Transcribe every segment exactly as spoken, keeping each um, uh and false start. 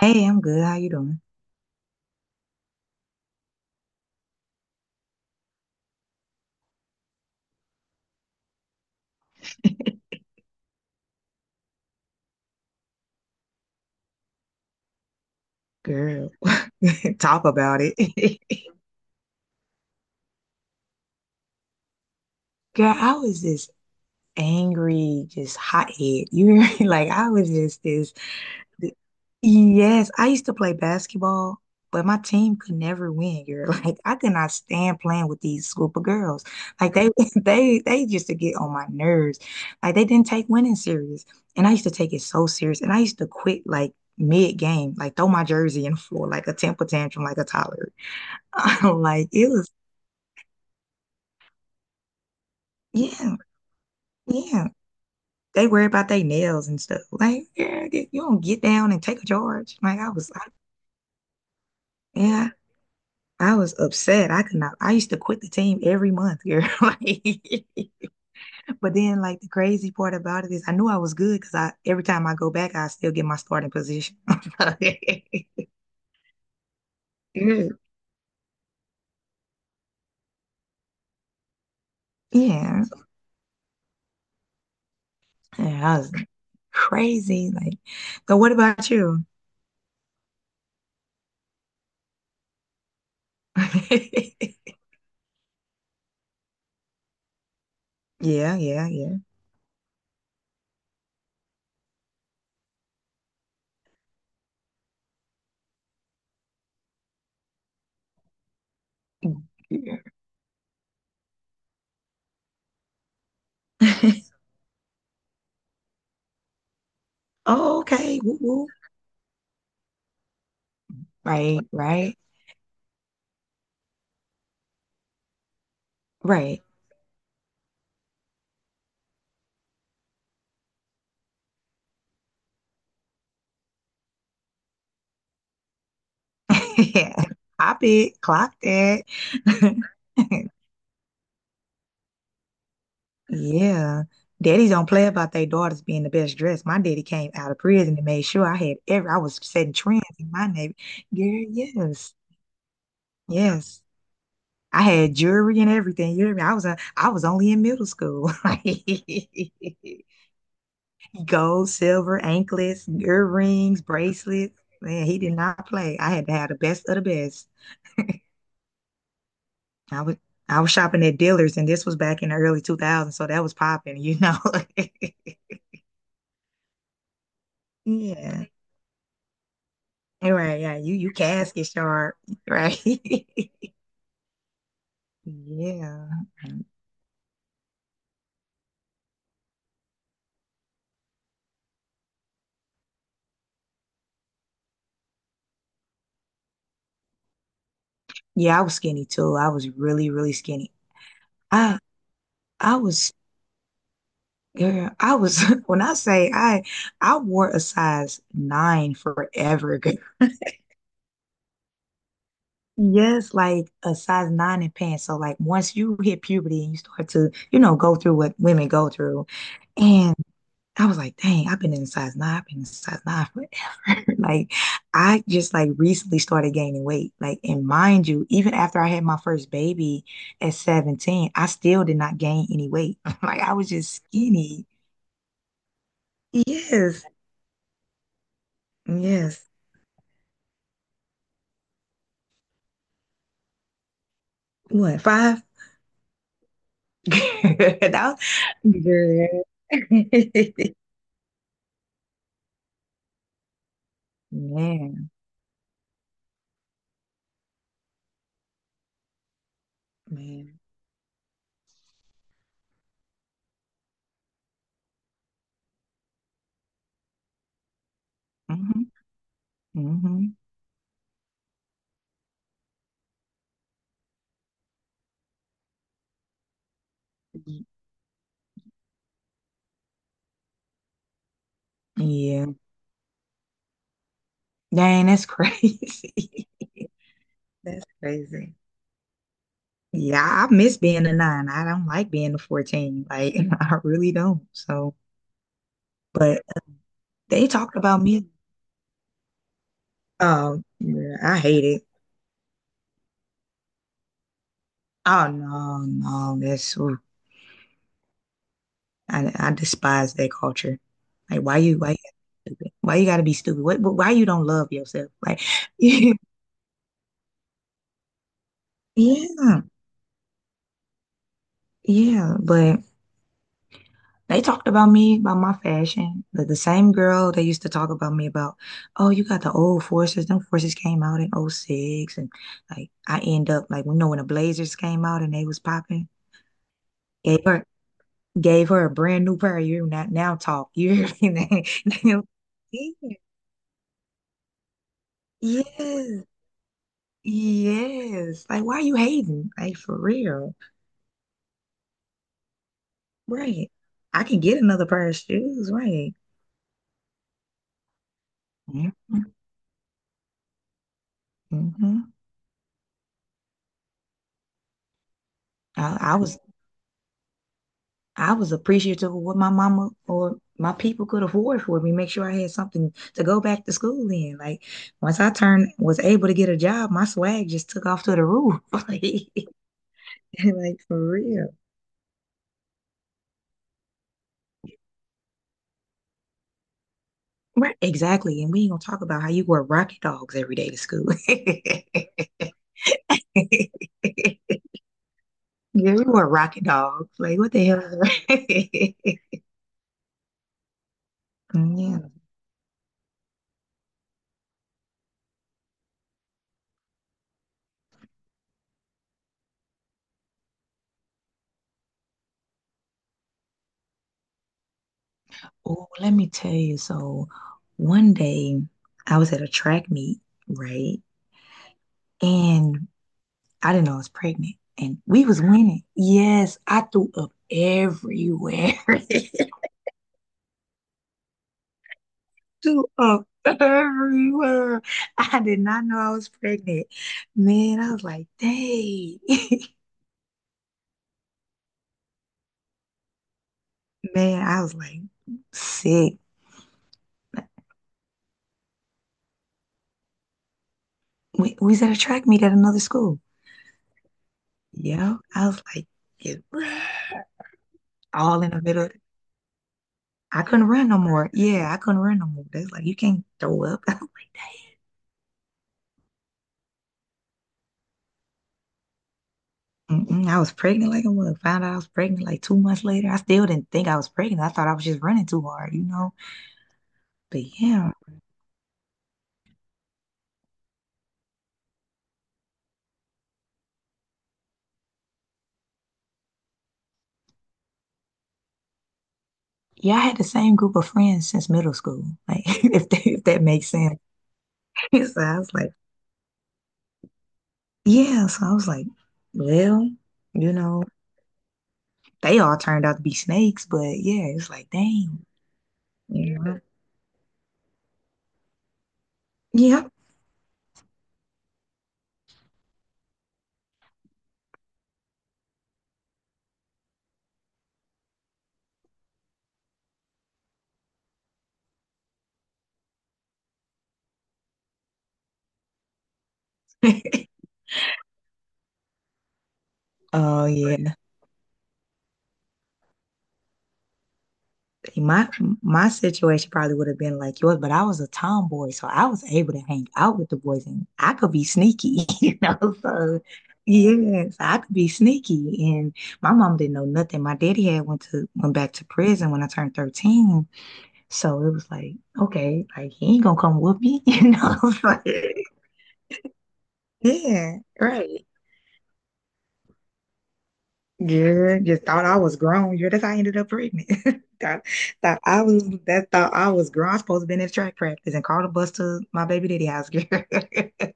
Hey, I'm good. How you doing? Girl, talk about it. Girl, I was this angry, just hothead. You hear me? Like I was just this. th- Yes, I used to play basketball, but my team could never win. Girl, like I could not stand playing with these group of girls. Like they, they, they used to get on my nerves. Like they didn't take winning serious, and I used to take it so serious. And I used to quit like mid game, like throw my jersey in the floor, like a temper tantrum, like a toddler. like, it was, yeah, yeah. They worry about their nails and stuff. Like, yeah, you don't get down and take a charge. Like, I was like, yeah, I was upset. I could not, I used to quit the team every month, girl. Like, but then, like, the crazy part about it is I knew I was good because I, every time I go back, I still get my starting position. Yeah. Yeah, I was crazy. Like, so what about you? Yeah, yeah, yeah. Yeah. Oh, okay. Woo, woo. Right, right, right. Yeah. Pop it, clock that. Yeah. Daddies don't play about their daughters being the best dressed. My daddy came out of prison and made sure I had every I was setting trends in my neighborhood. Yeah, yes. Yes. I had jewelry and everything. You know what I mean? I was a, I was only in middle school. Gold, silver, anklets, earrings, bracelets. Man, he did not play. I had to have the best of the best. I was I was shopping at dealers, and this was back in the early two thousands, so that was popping, you know. Yeah. Right, yeah, you you casket sharp, right? Yeah. Yeah, I was skinny too. I was really, really skinny. I I was girl, I was when I say I I wore a size nine forever, girl. Yes, like a size nine in pants. So like once you hit puberty and you start to, you know, go through what women go through. I was like, dang, I've been in size nine, I've been in size nine forever. like, I just like recently started gaining weight. Like, and mind you, even after I had my first baby at seventeen, I still did not gain any weight. like, I was just skinny. Yes, yes. What, five? That was- Girl. Man, man. Mm-hmm. Mm-hmm. Yeah. Dang, that's crazy. That's crazy. Yeah, I miss being a nine. I don't like being a fourteen. Like, I really don't. So, but they talked about me. Oh, yeah, I hate it. Oh, no, no, that's, ooh, I, I despise that culture. Like, why you, why you gotta be stupid? Why you gotta be stupid? What, why you don't love yourself? Like, yeah, yeah, but they talked about me, about my fashion. The, the same girl they used to talk about me about, oh, you got the old forces. Them forces came out in 'oh six, and like I end up like you know when the Blazers came out and they was popping, gave her gave her a brand new pair. You're not now talk. You hear me? Yeah. Yes. Yes. Like why you hating? Like for real. Right. I can get another pair of shoes, right? Mm-hmm, mm-hmm. I, I was I was appreciative of what my mama or my people could afford for me, make sure I had something to go back to school in. Like once I turned was able to get a job, my swag just took off to the roof. like, like for real. Right, exactly. And we ain't gonna talk about how you wear rocket dogs every day to school. Yeah, we wore rocket dogs. Like, what the hell is that? Yeah. Oh, let me tell you. So, one day I was at a track meet, right? And I didn't know I was pregnant, and we was winning. Yes, I threw up everywhere. I threw up everywhere. I did not know I was pregnant. Man, I was like, dang. Man, I was like sick. We, we was at a track meet at another school. Yeah, I was like, yeah, all in the middle of the- I couldn't run no more. Yeah, I couldn't run no more. They was like, you can't throw up. I mm-mm, I was pregnant like a mug. Found out I was pregnant like two months later. I still didn't think I was pregnant. I thought I was just running too hard, you know? But yeah, yeah, I had the same group of friends since middle school. Like, if that, if that makes sense. So I was like, yeah. So I was like, well, you know, they all turned out to be snakes, but yeah, it's like, dang, you know? Yeah. Oh, yeah. See, my my situation probably would have been like yours, but I was a tomboy, so I was able to hang out with the boys, and I could be sneaky, you know. So yeah, so I could be sneaky, and my mom didn't know nothing. My daddy had went to went back to prison when I turned thirteen, so it was like okay, like he ain't gonna come with me, you know. like, yeah, right. Yeah, just thought I was grown. Yeah, that's how I ended up pregnant. Thought, thought I was that thought I was grown. I was supposed to been at track practice and called a bus to my baby daddy house, girl.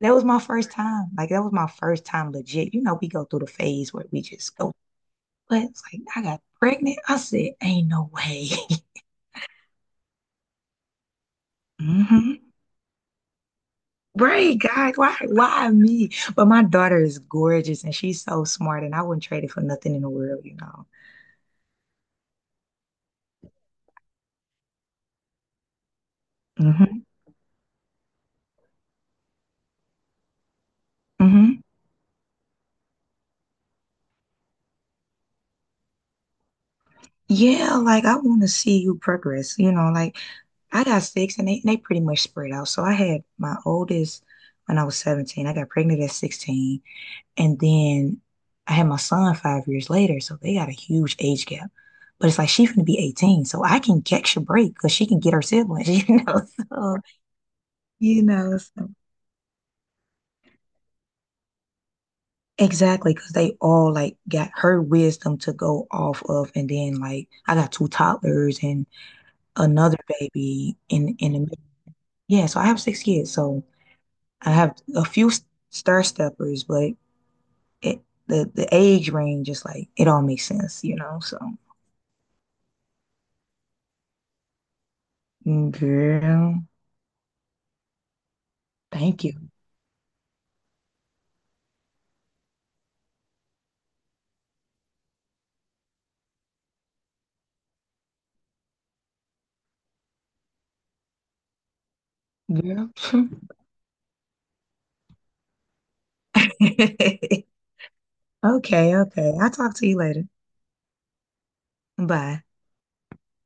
That was my first time. Like that was my first time legit. You know, we go through the phase where we just go, but it's like I got pregnant. I said, ain't no way. Hmm. Right, God, why why me? But my daughter is gorgeous and she's so smart and I wouldn't trade it for nothing in the world, you know. Hmm. Hmm. Yeah, like I want to see you progress. You know, like I got six and they, they pretty much spread out. So I had my oldest when I was seventeen. I got pregnant at sixteen. And then I had my son five years later. So they got a huge age gap. But it's like she's going to be eighteen. So I can catch a break because she can get her siblings, you know. So, you know, so. Exactly, because they all like got her wisdom to go off of. And then like I got two toddlers and another baby in in the middle. Yeah, so I have six kids. So I have a few s- star steppers, but it, the the age range is like it all makes sense, you know. So mm, girl, thank you, girl. Okay, okay. I'll talk to you later. Bye.